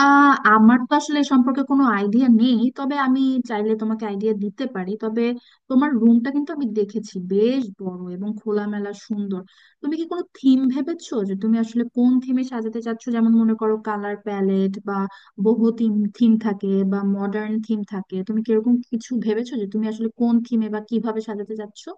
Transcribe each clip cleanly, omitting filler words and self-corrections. আমার তো আসলে এ সম্পর্কে কোনো আইডিয়া নেই, তবে আমি চাইলে তোমাকে আইডিয়া দিতে পারি। তবে তোমার রুমটা কিন্তু আমি দেখেছি, বেশ বড় এবং খোলামেলা সুন্দর। তুমি কি কোনো থিম ভেবেছো, যে তুমি আসলে কোন থিমে সাজাতে চাচ্ছো? যেমন মনে করো কালার প্যালেট বা বহু থিম থিম থাকে বা মডার্ন থিম থাকে। তুমি কিরকম কিছু ভেবেছো যে তুমি আসলে কোন থিমে বা কিভাবে সাজাতে চাচ্ছো?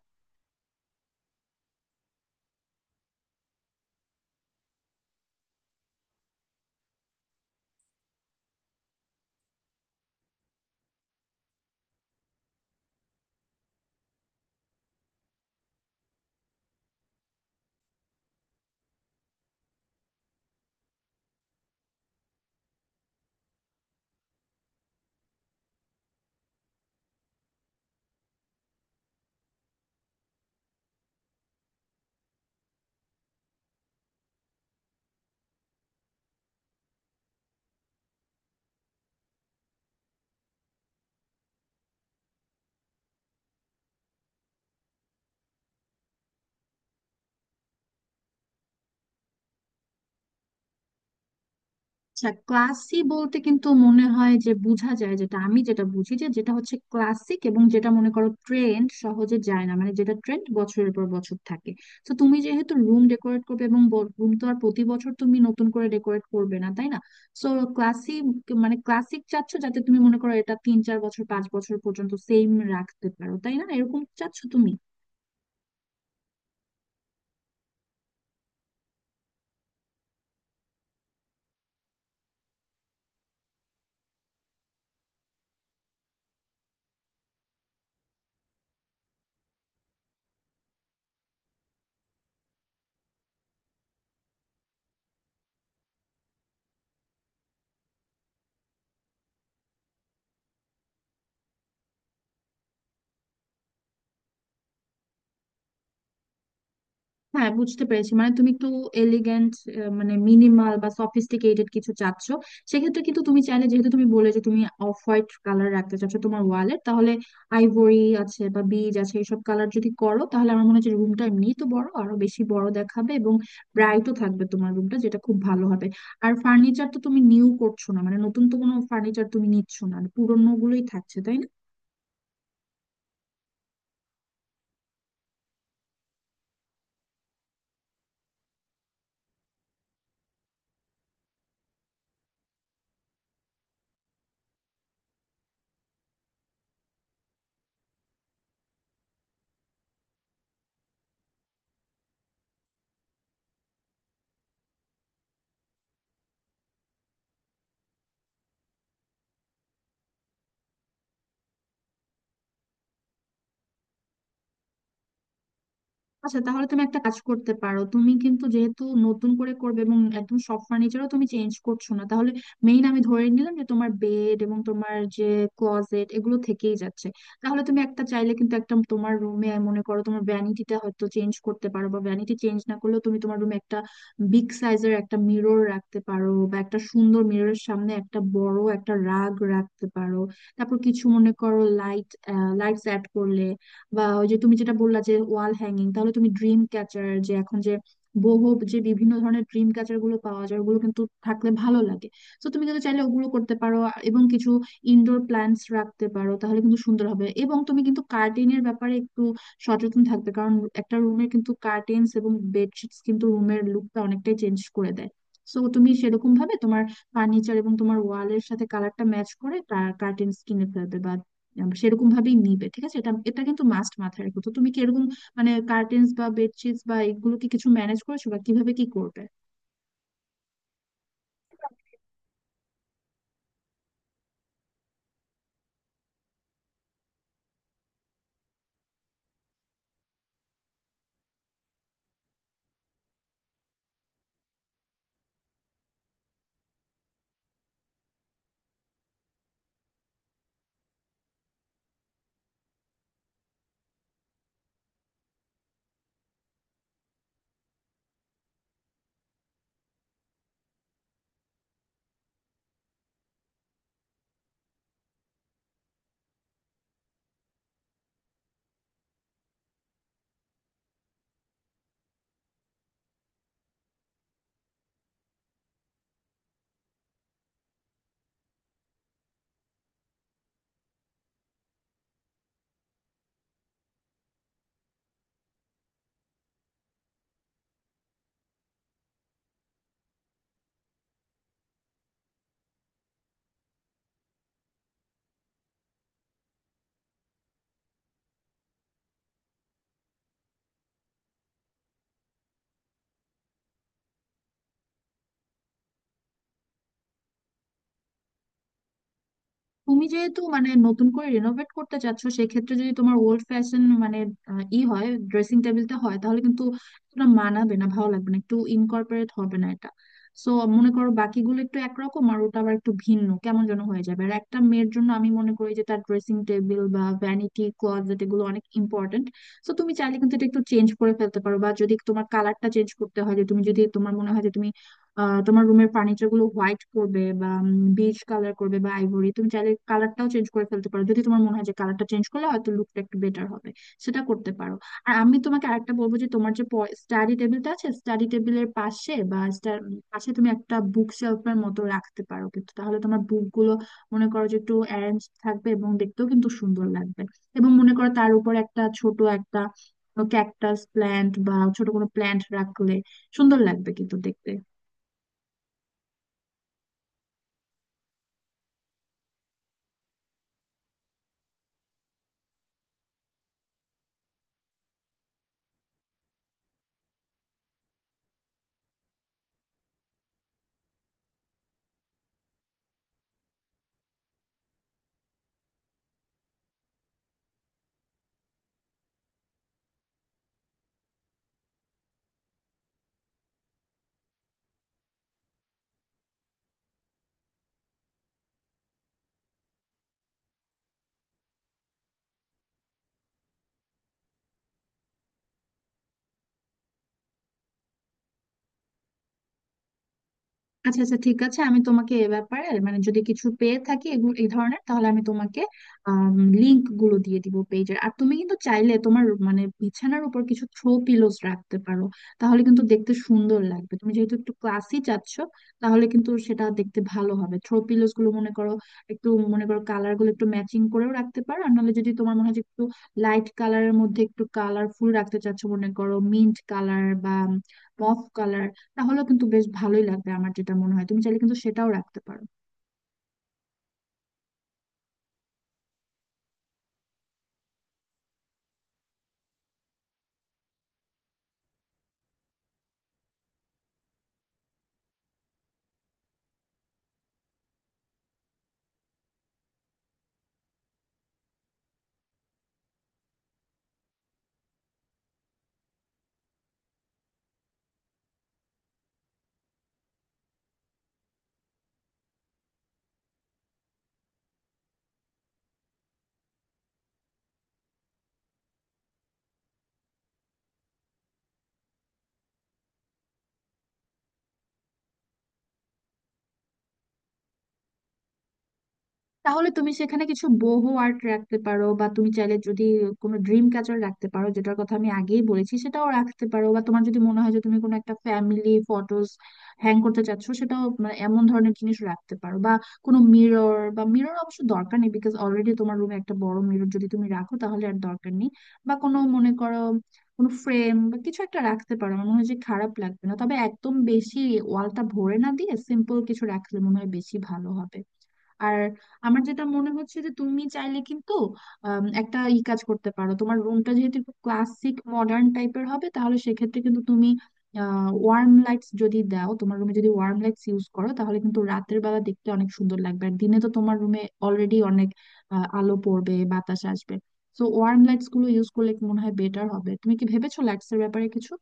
আচ্ছা, ক্লাসি বলতে কিন্তু মনে হয় যে বোঝা যায়, যেটা আমি যেটা বুঝি, যে যেটা হচ্ছে ক্লাসিক এবং যেটা মনে করো ট্রেন্ড সহজে যায় না, মানে যেটা ট্রেন্ড বছরের পর বছর থাকে। তো তুমি যেহেতু রুম ডেকোরেট করবে, এবং রুম তো আর প্রতি বছর তুমি নতুন করে ডেকোরেট করবে না, তাই না? সো ক্লাসি মানে ক্লাসিক চাচ্ছ, যাতে তুমি মনে করো এটা তিন চার বছর পাঁচ বছর পর্যন্ত সেম রাখতে পারো, তাই না? এরকম চাচ্ছ তুমি? হ্যাঁ বুঝতে পেরেছি, মানে তুমি একটু এলিগেন্ট মানে মিনিমাল বা সফিস্টিকেটেড কিছু চাচ্ছ। সেক্ষেত্রে কিন্তু তুমি চাইলে, যেহেতু তুমি বলে যে তুমি অফ হোয়াইট কালার রাখতে চাচ্ছ তোমার ওয়ালে, তাহলে আইভরি আছে বা বিজ আছে, এইসব কালার যদি করো তাহলে আমার মনে হচ্ছে রুমটা এমনিই তো বড়, আরো বেশি বড় দেখাবে এবং ব্রাইটও থাকবে তোমার রুমটা, যেটা খুব ভালো হবে। আর ফার্নিচার তো তুমি নিউ করছো না, মানে নতুন তো কোনো ফার্নিচার তুমি নিচ্ছ না, পুরোনো গুলোই থাকছে তাই না? আচ্ছা, তাহলে তুমি একটা কাজ করতে পারো। তুমি কিন্তু যেহেতু নতুন করে করবে এবং একদম সব ফার্নিচারও তুমি চেঞ্জ করছো না, তাহলে মেইন আমি ধরে নিলাম যে তোমার বেড এবং তোমার যে ক্লোজেট এগুলো থেকেই যাচ্ছে। তাহলে তুমি একটা চাইলে কিন্তু একটা তোমার রুমে মনে করো তোমার ভ্যানিটিটা হয়তো চেঞ্জ করতে পারো, বা ভ্যানিটি চেঞ্জ না করলেও তুমি তোমার রুমে একটা বিগ সাইজের একটা মিরর রাখতে পারো, বা একটা সুন্দর মিররের সামনে একটা বড় একটা রাগ রাখতে পারো। তারপর কিছু মনে করো লাইট, লাইটস অ্যাড করলে, বা ওই যে তুমি যেটা বললা যে ওয়াল হ্যাঙ্গিং, তাহলে তুমি ড্রিম ক্যাচার, যে এখন যে বহু যে বিভিন্ন ধরনের ড্রিম ক্যাচার গুলো পাওয়া যায়, ওগুলো কিন্তু থাকলে ভালো লাগে। তো তুমি কিন্তু চাইলে ওগুলো করতে পারো। এবং কিছু ইনডোর প্ল্যান্টস রাখতে পারো, তাহলে কিন্তু সুন্দর হবে। এবং তুমি কিন্তু কার্টেনের ব্যাপারে একটু সচেতন থাকবে, কারণ একটা রুমের কিন্তু কার্টেন্স এবং বেডশিটস কিন্তু রুমের লুকটা অনেকটাই চেঞ্জ করে দেয়। সো তুমি সেরকম ভাবে তোমার ফার্নিচার এবং তোমার ওয়ালের সাথে কালারটা ম্যাচ করে কার্টেন্স কিনে ফেলবে, সেরকম ভাবেই নিবে, ঠিক আছে? এটা এটা কিন্তু মাস্ট মাথায় রেখো। তো তুমি কি এরকম মানে কার্টেন্স বা বেডশিটস বা এগুলো কি কিছু ম্যানেজ করেছো, বা কিভাবে কি করবে? তুমি যেহেতু মানে নতুন করে রিনোভেট করতে চাচ্ছ, সেক্ষেত্রে যদি তোমার ওল্ড ফ্যাশন মানে আহ, ই হয় ড্রেসিং টেবিলটা হয়, তাহলে কিন্তু তোমরা মানাবে না, ভালো লাগবে না, একটু ইনকর্পোরেট হবে না এটা। সো মনে করো বাকিগুলো একটু একরকম আর ওটা আবার একটু ভিন্ন, কেমন যেন হয়ে যাবে। আর একটা মেয়ের জন্য আমি মনে করি যে তার ড্রেসিং টেবিল বা ভ্যানিটি ক্লোজেট এগুলো অনেক ইম্পর্টেন্ট। সো তুমি চাইলে কিন্তু এটা একটু চেঞ্জ করে ফেলতে পারো, বা যদি তোমার কালারটা চেঞ্জ করতে হয়, যে তুমি যদি তোমার মনে হয় যে তুমি তোমার রুমের ফার্নিচার গুলো হোয়াইট করবে বা বেজ কালার করবে বা আইভরি, তুমি চাইলে কালারটাও চেঞ্জ করে ফেলতে পারো, যদি তোমার মনে হয় যে কালারটা চেঞ্জ করলে হয়তো লুকটা একটু বেটার হবে, সেটা করতে পারো। আর আমি তোমাকে আরেকটা বলবো, যে তোমার যে স্টাডি টেবিলটা আছে, স্টাডি টেবিলের পাশে বা পাশে তুমি একটা বুক শেলফের মতো রাখতে পারো কিন্তু, তাহলে তোমার বুক গুলো মনে করো যে একটু অ্যারেঞ্জ থাকবে এবং দেখতেও কিন্তু সুন্দর লাগবে। এবং মনে করো তার উপর একটা ছোট একটা ক্যাকটাস প্ল্যান্ট বা ছোট কোনো প্ল্যান্ট রাখলে সুন্দর লাগবে কিন্তু দেখতে। আচ্ছা আচ্ছা, ঠিক আছে, আমি তোমাকে এ ব্যাপারে মানে যদি কিছু পেয়ে থাকি এগুলো এই ধরনের, তাহলে আমি তোমাকে লিংক গুলো দিয়ে দিব পেজের। আর তুমি কিন্তু চাইলে তোমার মানে বিছানার উপর কিছু থ্রো পিলোস রাখতে পারো, তাহলে কিন্তু দেখতে সুন্দর লাগবে। তুমি যেহেতু একটু ক্লাসি চাচ্ছ, তাহলে কিন্তু সেটা দেখতে ভালো হবে। থ্রো পিলোস গুলো মনে করো একটু, মনে করো কালার গুলো একটু ম্যাচিং করেও রাখতে পারো, আর নাহলে যদি তোমার মনে হয় যে একটু লাইট কালারের মধ্যে একটু কালারফুল রাখতে চাচ্ছ, মনে করো মিন্ট কালার বা মফ কালার, তাহলেও কিন্তু বেশ ভালোই লাগবে আমার যেটা মনে হয়, তুমি চাইলে কিন্তু সেটাও রাখতে পারো। তাহলে তুমি সেখানে কিছু বোহো আর্ট রাখতে পারো, বা তুমি চাইলে যদি কোনো ড্রিম ক্যাচার রাখতে পারো, যেটার কথা আমি আগেই বলেছি, সেটাও রাখতে পারো। বা তোমার যদি মনে হয় যে তুমি কোনো একটা ফ্যামিলি ফটোজ হ্যাং করতে চাচ্ছো, সেটাও, মানে এমন ধরনের জিনিস রাখতে পারো। বা কোনো মিরর, বা মিরর অবশ্য দরকার নেই, বিকজ অলরেডি তোমার রুমে একটা বড় মিরর যদি তুমি রাখো তাহলে আর দরকার নেই। বা কোনো মনে করো কোনো ফ্রেম বা কিছু একটা রাখতে পারো, আমার মনে হয় যে খারাপ লাগবে না, তবে একদম বেশি ওয়ালটা ভরে না দিয়ে সিম্পল কিছু রাখলে মনে হয় বেশি ভালো হবে। আর আমার যেটা মনে হচ্ছে, যে তুমি চাইলে কিন্তু একটা কাজ করতে পারো। তোমার রুমটা যেহেতু একটু ক্লাসিক মডার্ন টাইপের হবে, তাহলে সেক্ষেত্রে কিন্তু তুমি ওয়ার্ম লাইটস যদি দাও, তোমার রুমে যদি ওয়ার্ম লাইটস ইউজ করো, তাহলে কিন্তু রাতের বেলা দেখতে অনেক সুন্দর লাগবে। আর দিনে তো তোমার রুমে অলরেডি অনেক আলো পড়বে, বাতাস আসবে। তো ওয়ার্ম লাইটস গুলো ইউজ করলে মনে হয় বেটার হবে। তুমি কি ভেবেছো লাইটস এর ব্যাপারে কিছু?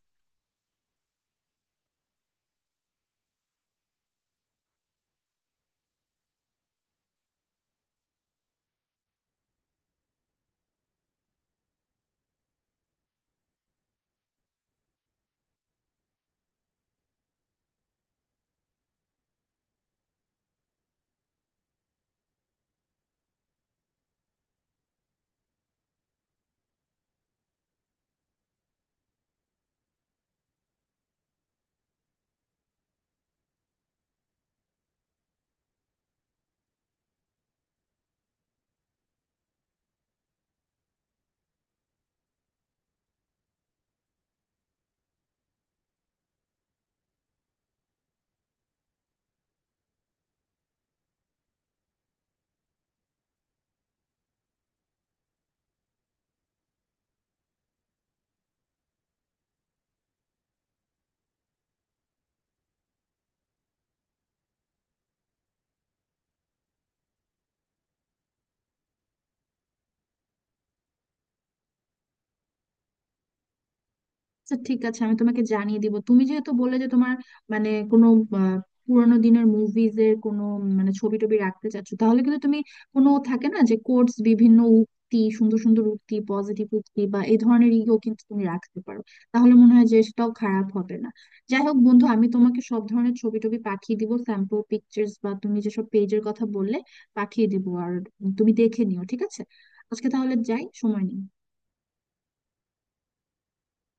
আচ্ছা, ঠিক আছে, আমি তোমাকে জানিয়ে দিব। তুমি যেহেতু বললে যে তোমার মানে কোনো আহ, পুরানো দিনের মুভিজ এর কোনো মানে ছবি টবি রাখতে চাচ্ছ, তাহলে কিন্তু তুমি কোনো থাকে না যে কোটস, বিভিন্ন উক্তি, সুন্দর সুন্দর উক্তি, পজিটিভ উক্তি বা এই ধরনের ইও কিন্তু তুমি রাখতে পারো, তাহলে মনে হয় যে সেটাও খারাপ হবে না। যাই হোক বন্ধু, আমি তোমাকে সব ধরনের ছবি টবি পাঠিয়ে দিব, স্যাম্পল পিকচার্স, বা তুমি যেসব পেজের কথা বললে পাঠিয়ে দিব। আর তুমি দেখে নিও, ঠিক আছে? আজকে তাহলে যাই, সময় নেই।